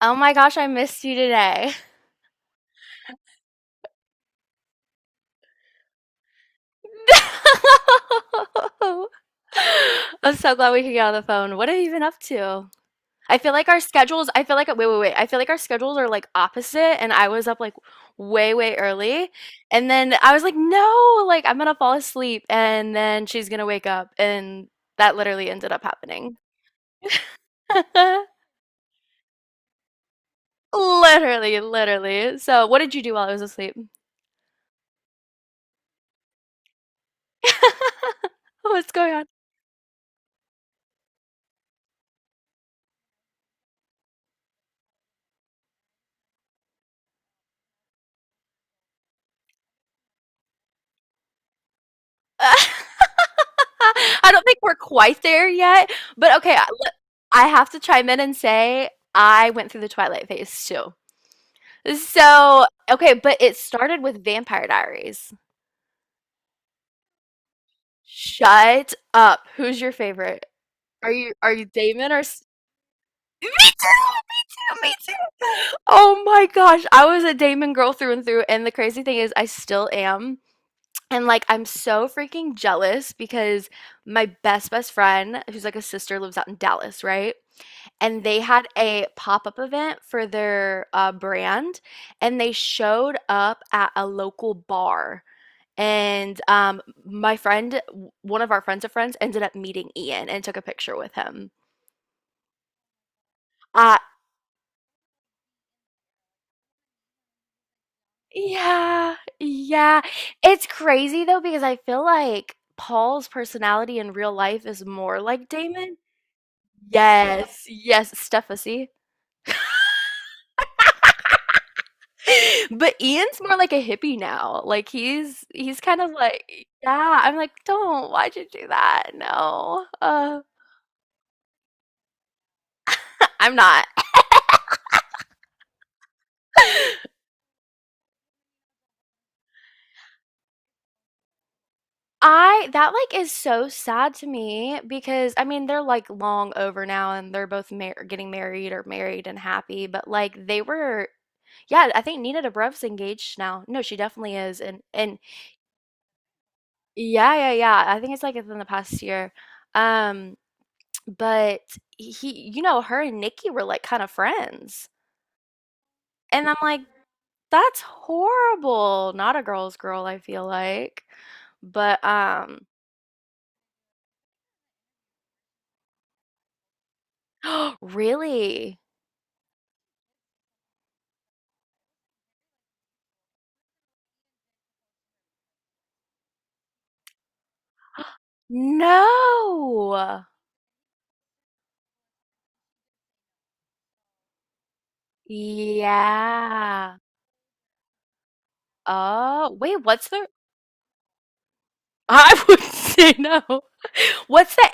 Oh my gosh, I missed you today. I'm so glad we could get on the phone. What have you been up to? I feel like our schedules, I feel like, wait, wait, wait. I feel like our schedules are like opposite, and I was up like way, way early. And then I was like, no, like I'm gonna fall asleep, and then she's gonna wake up. And that literally ended up happening. Literally, literally. So, what did you do while I was asleep? What's going on? I don't think we're quite there yet, but okay, I have to chime in and say I went through the Twilight phase too. So, okay, but it started with Vampire Diaries. Shut up. Who's your favorite? Are you Damon or S- Me too. Me too. Me too. Oh my gosh, I was a Damon girl through and through, and the crazy thing is I still am. And like I'm so freaking jealous because my best best friend, who's like a sister, lives out in Dallas, right? And they had a pop-up event for their brand, and they showed up at a local bar. And my friend, one of our friends of friends, ended up meeting Ian and took a picture with him. Uh, yeah, yeah. It's crazy though because I feel like Paul's personality in real life is more like Damon. Yes, yes, Steffasi. But Ian's more like a hippie now. Like he's kind of like, yeah, I'm like, don't, why'd you do that? No. I'm not. I that like is so sad to me because I mean they're like long over now and they're both mar getting married or married and happy, but like they were yeah, I think Nina Dobrev's engaged now. No, she definitely is and yeah, yeah, yeah. I think it's like within the past year. Um But he you know, her and Nikki were like kind of friends. And I'm like, that's horrible. Not a girl's girl, I feel like. But really? No. Yeah. Oh, wait, what's the I would say no. What's the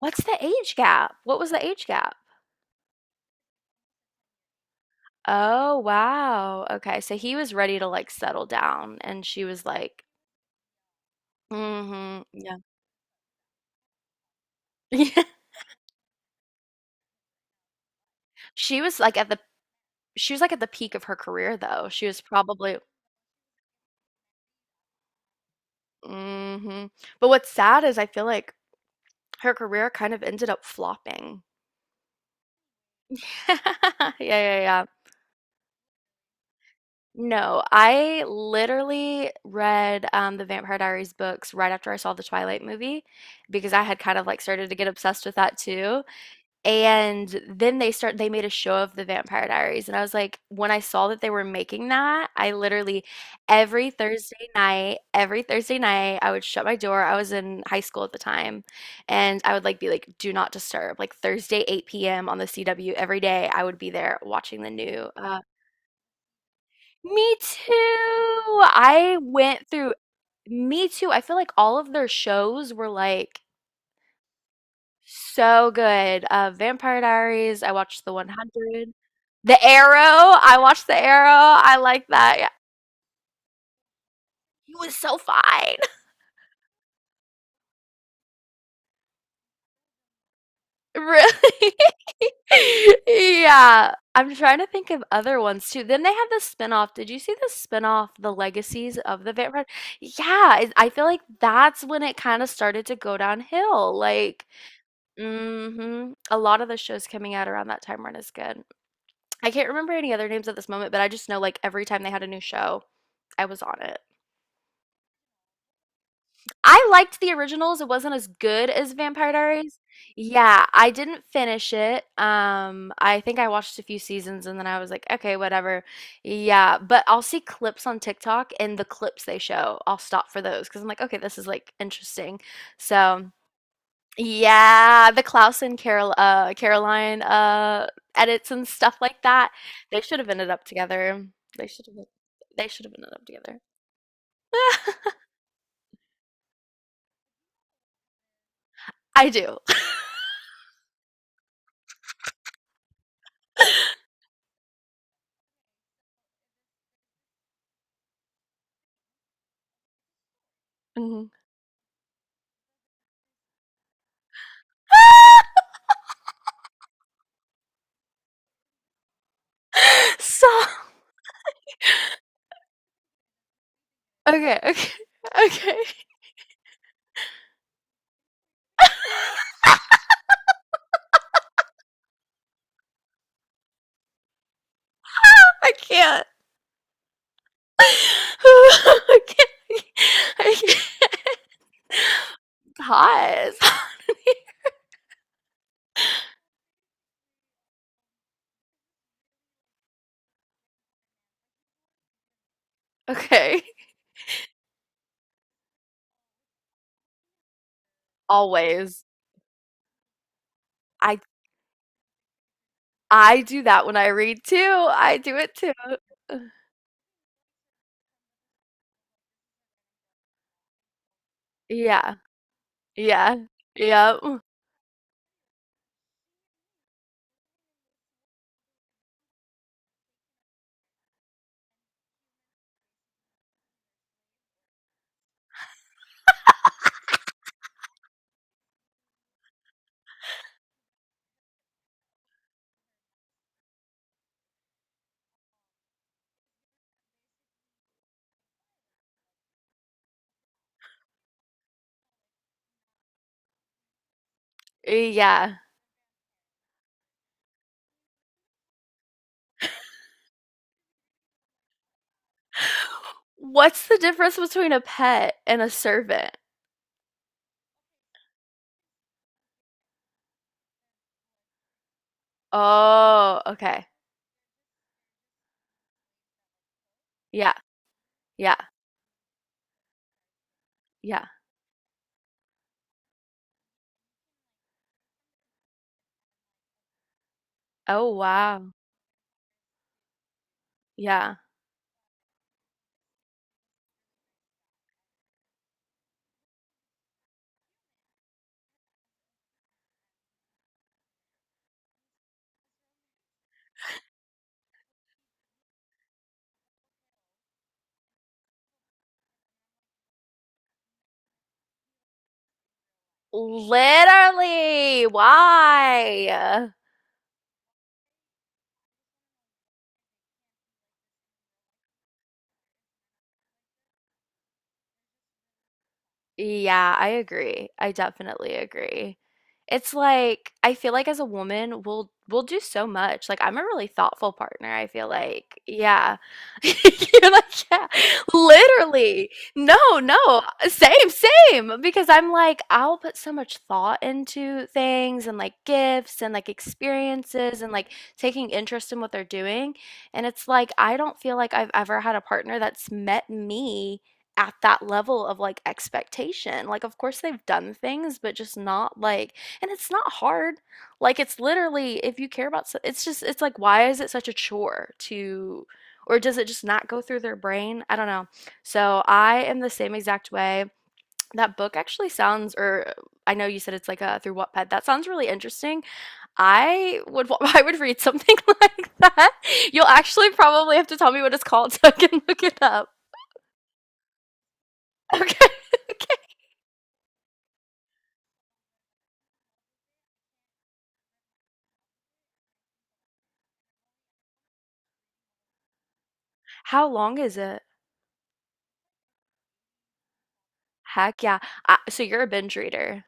what's the age gap? What was the age gap? Oh, wow. Okay, so he was ready to like settle down and she was like, mm-hmm, yeah. She was, like, at the she was, like, at the peak of her career, though. She was probably mhm. But what's sad is I feel like her career kind of ended up flopping. Yeah, yeah, yeah. No, I literally read, the Vampire Diaries books right after I saw the Twilight movie because I had kind of, like, started to get obsessed with that too. And then they start they made a show of the Vampire Diaries and I was like, when I saw that they were making that, I literally every Thursday night, I would shut my door. I was in high school at the time, and I would like be like, do not disturb. Like Thursday 8 p.m. on the CW every day, I would be there watching the new Me too. I went through Me Too. I feel like all of their shows were like so good. Vampire Diaries. I watched The 100. The Arrow. I watched The Arrow. I like that. Yeah. He was so fine. Really? Yeah. I'm trying to think of other ones too. Then they have the spinoff. Did you see the spinoff, The Legacies of the Vampire? Yeah, it, I feel like that's when it kind of started to go downhill. Like, hmm. A lot of the shows coming out around that time weren't as good. I can't remember any other names at this moment, but I just know like every time they had a new show, I was on it. I liked the originals. It wasn't as good as Vampire Diaries. Yeah, I didn't finish it. I think I watched a few seasons and then I was like, okay, whatever. Yeah, but I'll see clips on TikTok and the clips they show, I'll stop for those because I'm like, okay, this is like interesting. So yeah, the Klaus and Carol Caroline edits and stuff like that. They should have ended up together. They should have they should have ended up together. I do. Mhm. So okay, okay, okay. I can't. I can't. I can't. Pause. Okay. Always. I I do that when I read too. I do it too. Yeah. Yeah. Yep. Yeah. What's the difference between a pet and a servant? Oh, okay. Yeah, yeah, yeah. Oh, wow. Yeah. Literally, why? Yeah, I agree. I definitely agree. It's like I feel like as a woman, we'll do so much. Like I'm a really thoughtful partner, I feel like. Yeah. You're like, yeah. Literally. No, no. Same, same. Because I'm like, I'll put so much thought into things and like gifts and like experiences and like taking interest in what they're doing. And it's like I don't feel like I've ever had a partner that's met me at that level of like expectation. Like, of course, they've done things, but just not like, and it's not hard. Like, it's literally, if you care about, so- it's just, it's like, why is it such a chore to, or does it just not go through their brain? I don't know. So, I am the same exact way. That book actually sounds, or I know you said it's like a through Wattpad. That sounds really interesting. I would, I would read something like that. You'll actually probably have to tell me what it's called so I can look it up. Okay. Okay. How long is it? Heck yeah. I, so you're a binge reader.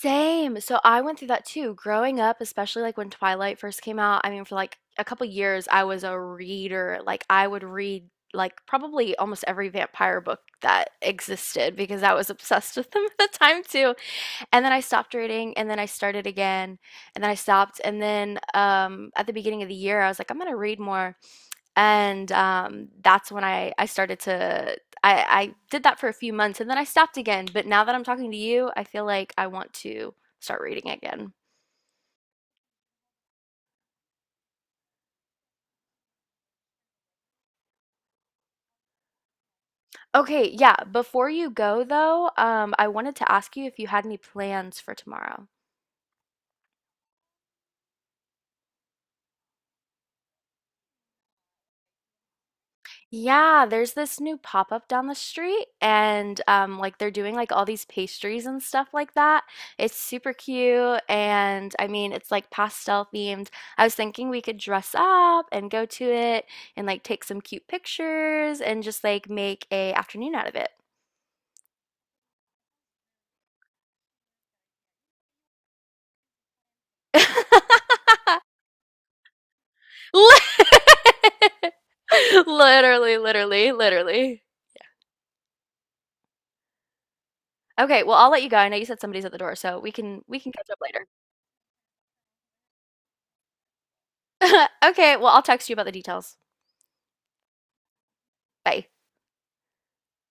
Same. So I went through that too. Growing up, especially like when Twilight first came out, I mean, for like a couple years, I was a reader. Like I would read like probably almost every vampire book that existed because I was obsessed with them at the time too. And then I stopped reading and then I started again and then I stopped. And then at the beginning of the year, I was like, I'm gonna read more. And that's when I started to I did that for a few months and then I stopped again. But now that I'm talking to you, I feel like I want to start reading again. Okay, yeah. Before you go though, I wanted to ask you if you had any plans for tomorrow. Yeah, there's this new pop-up down the street and like they're doing like all these pastries and stuff like that. It's super cute and I mean it's like pastel themed. I was thinking we could dress up and go to it and like take some cute pictures and just like make a afternoon out of it. Lit- Literally, literally, literally. Okay, well I'll let you go. I know you said somebody's at the door, so we can catch up later. Okay, well I'll text you about the details. Bye.